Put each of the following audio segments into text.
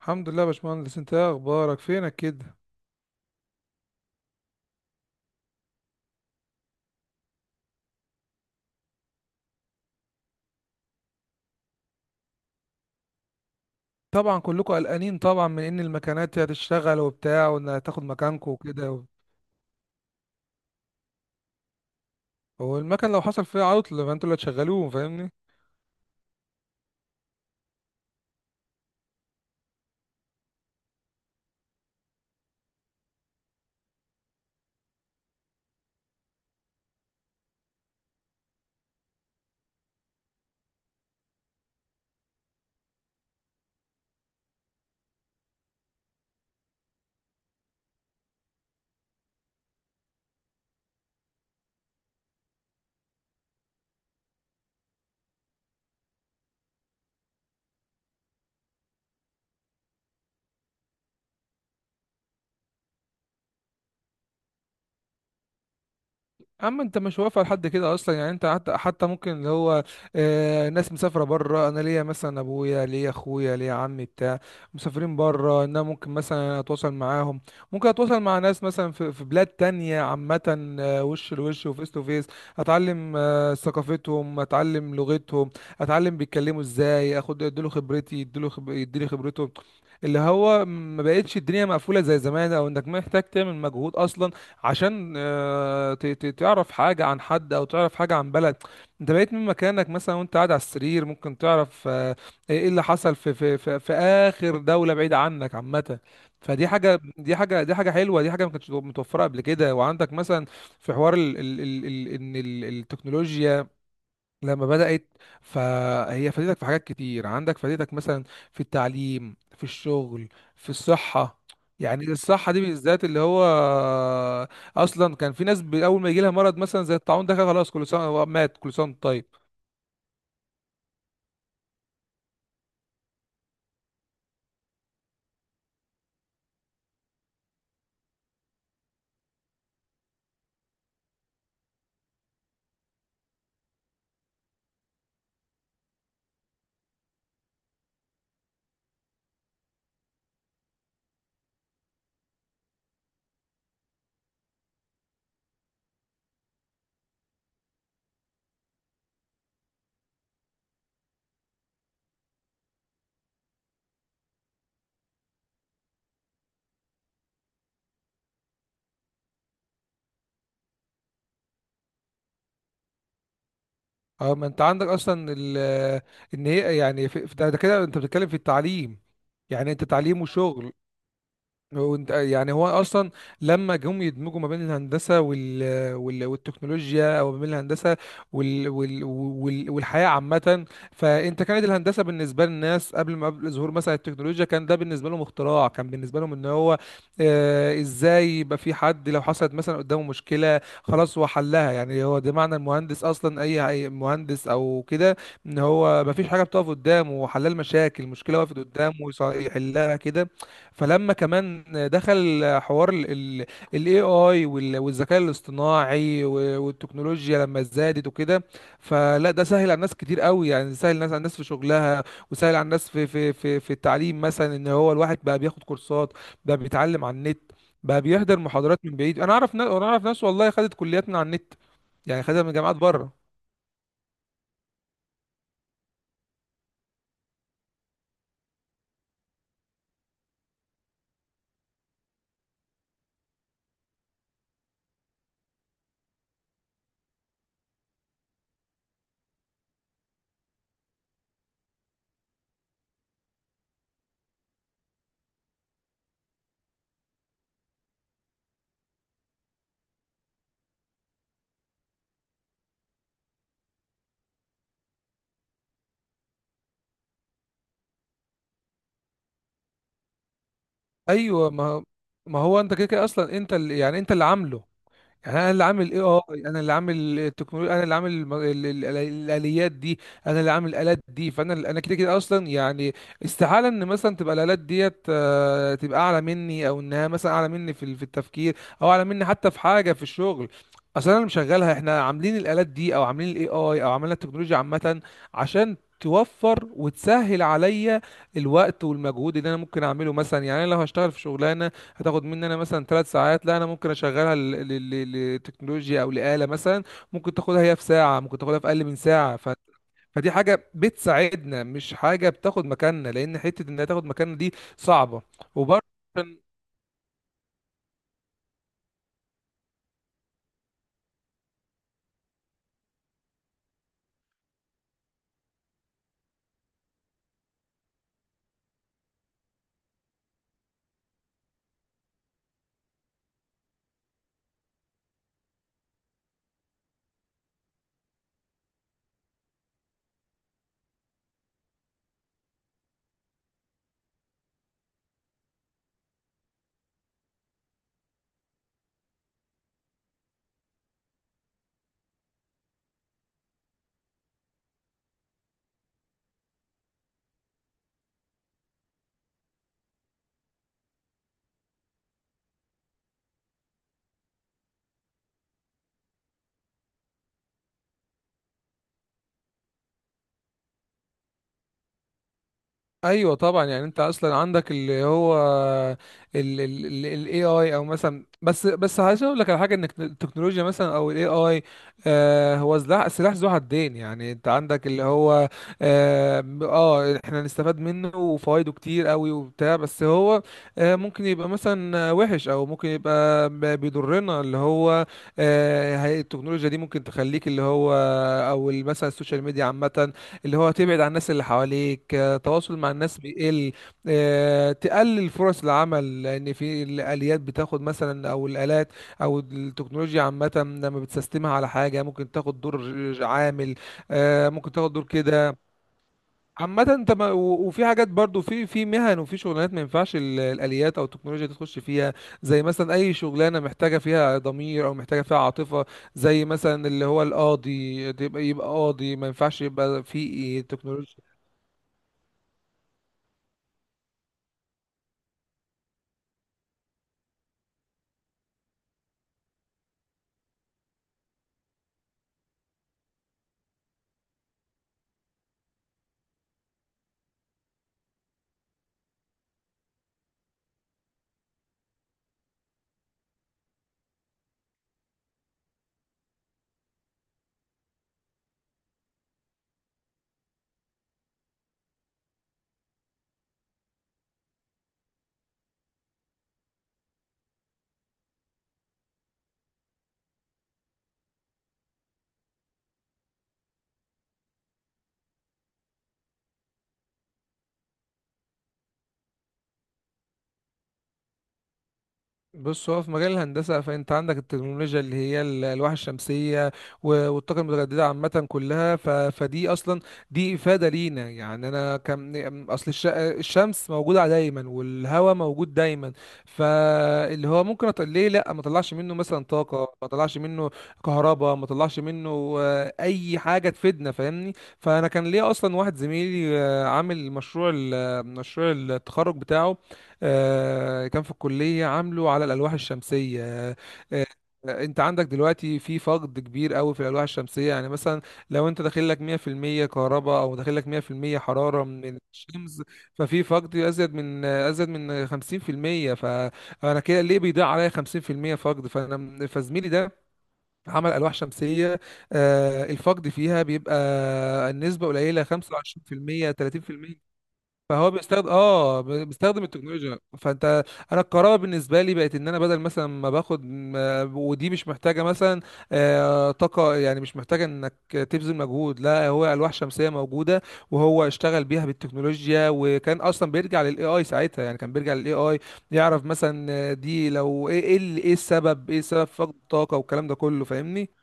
الحمد لله يا باشمهندس، انت ايه اخبارك؟ فينك كده؟ طبعا كلكم قلقانين طبعا من ان المكانات هتشتغل وبتاع وانها هتاخد مكانكم وكده. هو المكن لو حصل فيها عطل فانتوا اللي هتشغلوه، فاهمني؟ اما انت مش واقف على حد كده اصلا، يعني انت حتى ممكن اللي هو ناس مسافره بره، انا ليا مثلا ابويا، ليا اخويا، ليا عمي بتاع مسافرين بره، ان انا ممكن مثلا اتواصل معاهم، ممكن اتواصل مع ناس مثلا في بلاد تانية عامه. وش لوش وفيس تو فيس، اتعلم ثقافتهم، اتعلم لغتهم، اتعلم بيتكلموا ازاي، اخد اديله خبرتي، يديني خبرته. اللي هو ما بقتش الدنيا مقفوله زي زمان، او انك محتاج تعمل مجهود اصلا عشان تعرف حاجة عن حد أو تعرف حاجة عن بلد. أنت بقيت من مكانك مثلا، وأنت قاعد على السرير ممكن تعرف إيه اللي حصل في آخر دولة بعيدة عنك عامة. فدي حاجة دي حاجة دي حاجة حلوة، دي حاجة ما كانتش متوفرة قبل كده، وعندك مثلا في حوار التكنولوجيا لما بدأت، فهي فادتك في حاجات كتير، عندك فادتك مثلا في التعليم، في الشغل، في الصحة. يعني الصحة دي بالذات اللي هو أصلا كان في ناس أول ما يجي لها مرض مثلا زي الطاعون ده كان خلاص، كل سنة هو مات، كل سنة وأنت طيب. أه، ما أنت عندك أصلا إن هي يعني ده كده أنت بتتكلم في التعليم، يعني أنت تعليم وشغل. يعني هو اصلا لما جم يدمجوا ما بين الهندسه والتكنولوجيا، او ما بين الهندسه والحياه عامه. فانت كانت الهندسه بالنسبه للناس قبل ما قبل ظهور مثلا التكنولوجيا كان ده بالنسبه لهم اختراع، كان بالنسبه لهم ان هو ازاي يبقى في حد لو حصلت مثلا قدامه مشكله خلاص هو حلها. يعني هو ده معنى المهندس اصلا، اي أي مهندس او كده، ان هو ما فيش حاجه بتقف قدامه، هو حلال مشاكل، مشكله وقفت قدامه يحلها كده. فلما كمان دخل حوار الاي اي والذكاء الاصطناعي والتكنولوجيا لما زادت وكده، فلا ده سهل على الناس كتير قوي، يعني سهل الناس على الناس في شغلها، وسهل على الناس في التعليم مثلا، ان هو الواحد بقى بياخد كورسات، بقى بيتعلم على النت، بقى بيحضر محاضرات من بعيد. انا اعرف ناس والله خدت كليات من على النت، يعني خدها من جامعات بره. ايوه، ما هو انت كده كده اصلا، انت اللي عامله. يعني انا اللي عامل AI، انا اللي عامل التكنولوجيا، انا اللي عامل الاليات دي، انا اللي عامل الالات دي. فانا كده كده اصلا يعني استحاله ان مثلا تبقى الالات ديت تبقى اعلى مني، او انها مثلا اعلى مني في في التفكير، او اعلى مني حتى في حاجه في الشغل. اصلا انا اللي مشغلها، احنا عاملين الالات دي او عاملين الاي اي او عاملين التكنولوجيا عامه عشان توفر وتسهل عليا الوقت والمجهود اللي انا ممكن اعمله مثلا. يعني انا لو هشتغل في شغلانه هتاخد مني انا مثلا 3 ساعات، لا انا ممكن اشغلها لتكنولوجيا او لآلة مثلا، ممكن تاخدها هي في ساعة، ممكن تاخدها في اقل من ساعة. فدي حاجة بتساعدنا، مش حاجة بتاخد مكاننا، لان حتة انها تاخد مكاننا دي صعبة، وبرضه ايوه طبعا. يعني انت اصلا عندك اللي هو ال ال ال ال AI، او مثلا بس عايز اقول لك على حاجه، ان التكنولوجيا مثلا او ال AI هو سلاح ذو حدين. يعني انت عندك اللي هو احنا نستفاد منه وفوائده كتير قوي وبتاع، بس هو ممكن يبقى مثلا وحش، او ممكن يبقى بيضرنا. اللي هو التكنولوجيا دي ممكن تخليك اللي هو، او مثلا السوشيال ميديا عامه، اللي هو تبعد عن الناس اللي حواليك، التواصل مع الناس بيقل. تقلل فرص العمل، لان في الاليات بتاخد مثلا، او الالات او التكنولوجيا عامه لما بتسيستمها على حاجه ممكن تاخد دور عامل، ممكن تاخد دور كده. عامة انت ما و- وفي حاجات برضو في مهن، وفي شغلانات ما ينفعش الاليات او التكنولوجيا دي تخش فيها، زي مثلا اي شغلانه محتاجه فيها ضمير او محتاجه فيها عاطفه، زي مثلا اللي هو القاضي. يبقى قاضي ما ينفعش يبقى في تكنولوجيا. بص، هو في مجال الهندسة، فأنت عندك التكنولوجيا اللي هي الألواح الشمسية والطاقة المتجددة عامة كلها. فدي أصلا دي إفادة لينا. يعني أنا أصل الشمس موجودة دايما، والهواء موجود دايما، فاللي هو ممكن ليه لأ ما طلعش منه مثلا طاقة، ما طلعش منه كهرباء، ما طلعش منه أي حاجة تفيدنا، فاهمني؟ فأنا كان ليا أصلا واحد زميلي عامل مشروع مشروع التخرج بتاعه، كان في الكلية، عامله على الألواح الشمسية. آه، انت عندك دلوقتي في فقد كبير قوي في الألواح الشمسية. يعني مثلا لو انت داخل لك 100% كهرباء او داخل لك 100% حرارة من الشمس، ففي فقد ازيد من 50%. فانا كده ليه بيضيع عليا 50% فقد؟ فزميلي ده عمل ألواح شمسية الفقد فيها بيبقى النسبة قليلة، 25% 30%. فهو بيستخدم بيستخدم التكنولوجيا. فانت انا القراءه بالنسبه لي بقت ان انا بدل مثلا ما باخد ودي مش محتاجه مثلا طاقه، يعني مش محتاجه انك تبذل مجهود، لا هو الواح شمسيه موجوده وهو اشتغل بيها بالتكنولوجيا، وكان اصلا بيرجع للاي اي ساعتها، يعني كان بيرجع للاي اي يعرف مثلا دي لو ايه، إيه السبب، سبب فقد الطاقه والكلام ده كله، فاهمني؟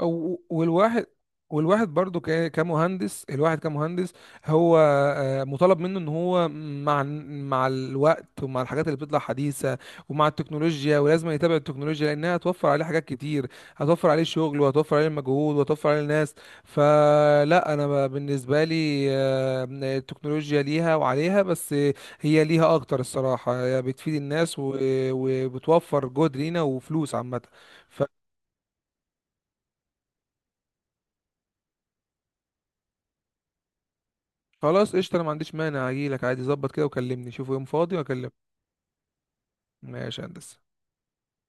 و- والواحد والواحد برضو كمهندس، الواحد كمهندس هو مطالب منه ان هو مع الوقت ومع الحاجات اللي بتطلع حديثة ومع التكنولوجيا، ولازم يتابع التكنولوجيا لانها هتوفر عليه حاجات كتير، هتوفر عليه شغل وهتوفر عليه مجهود وهتوفر عليه ناس. فلا انا بالنسبة لي التكنولوجيا ليها وعليها، بس هي ليها اكتر الصراحة، هي بتفيد الناس وبتوفر جهد لينا وفلوس عامة. خلاص قشطة، انا ما عنديش مانع، اجيلك عادي، ظبط كده وكلمني، شوف يوم فاضي واكلمك. ماشي يا هندسة.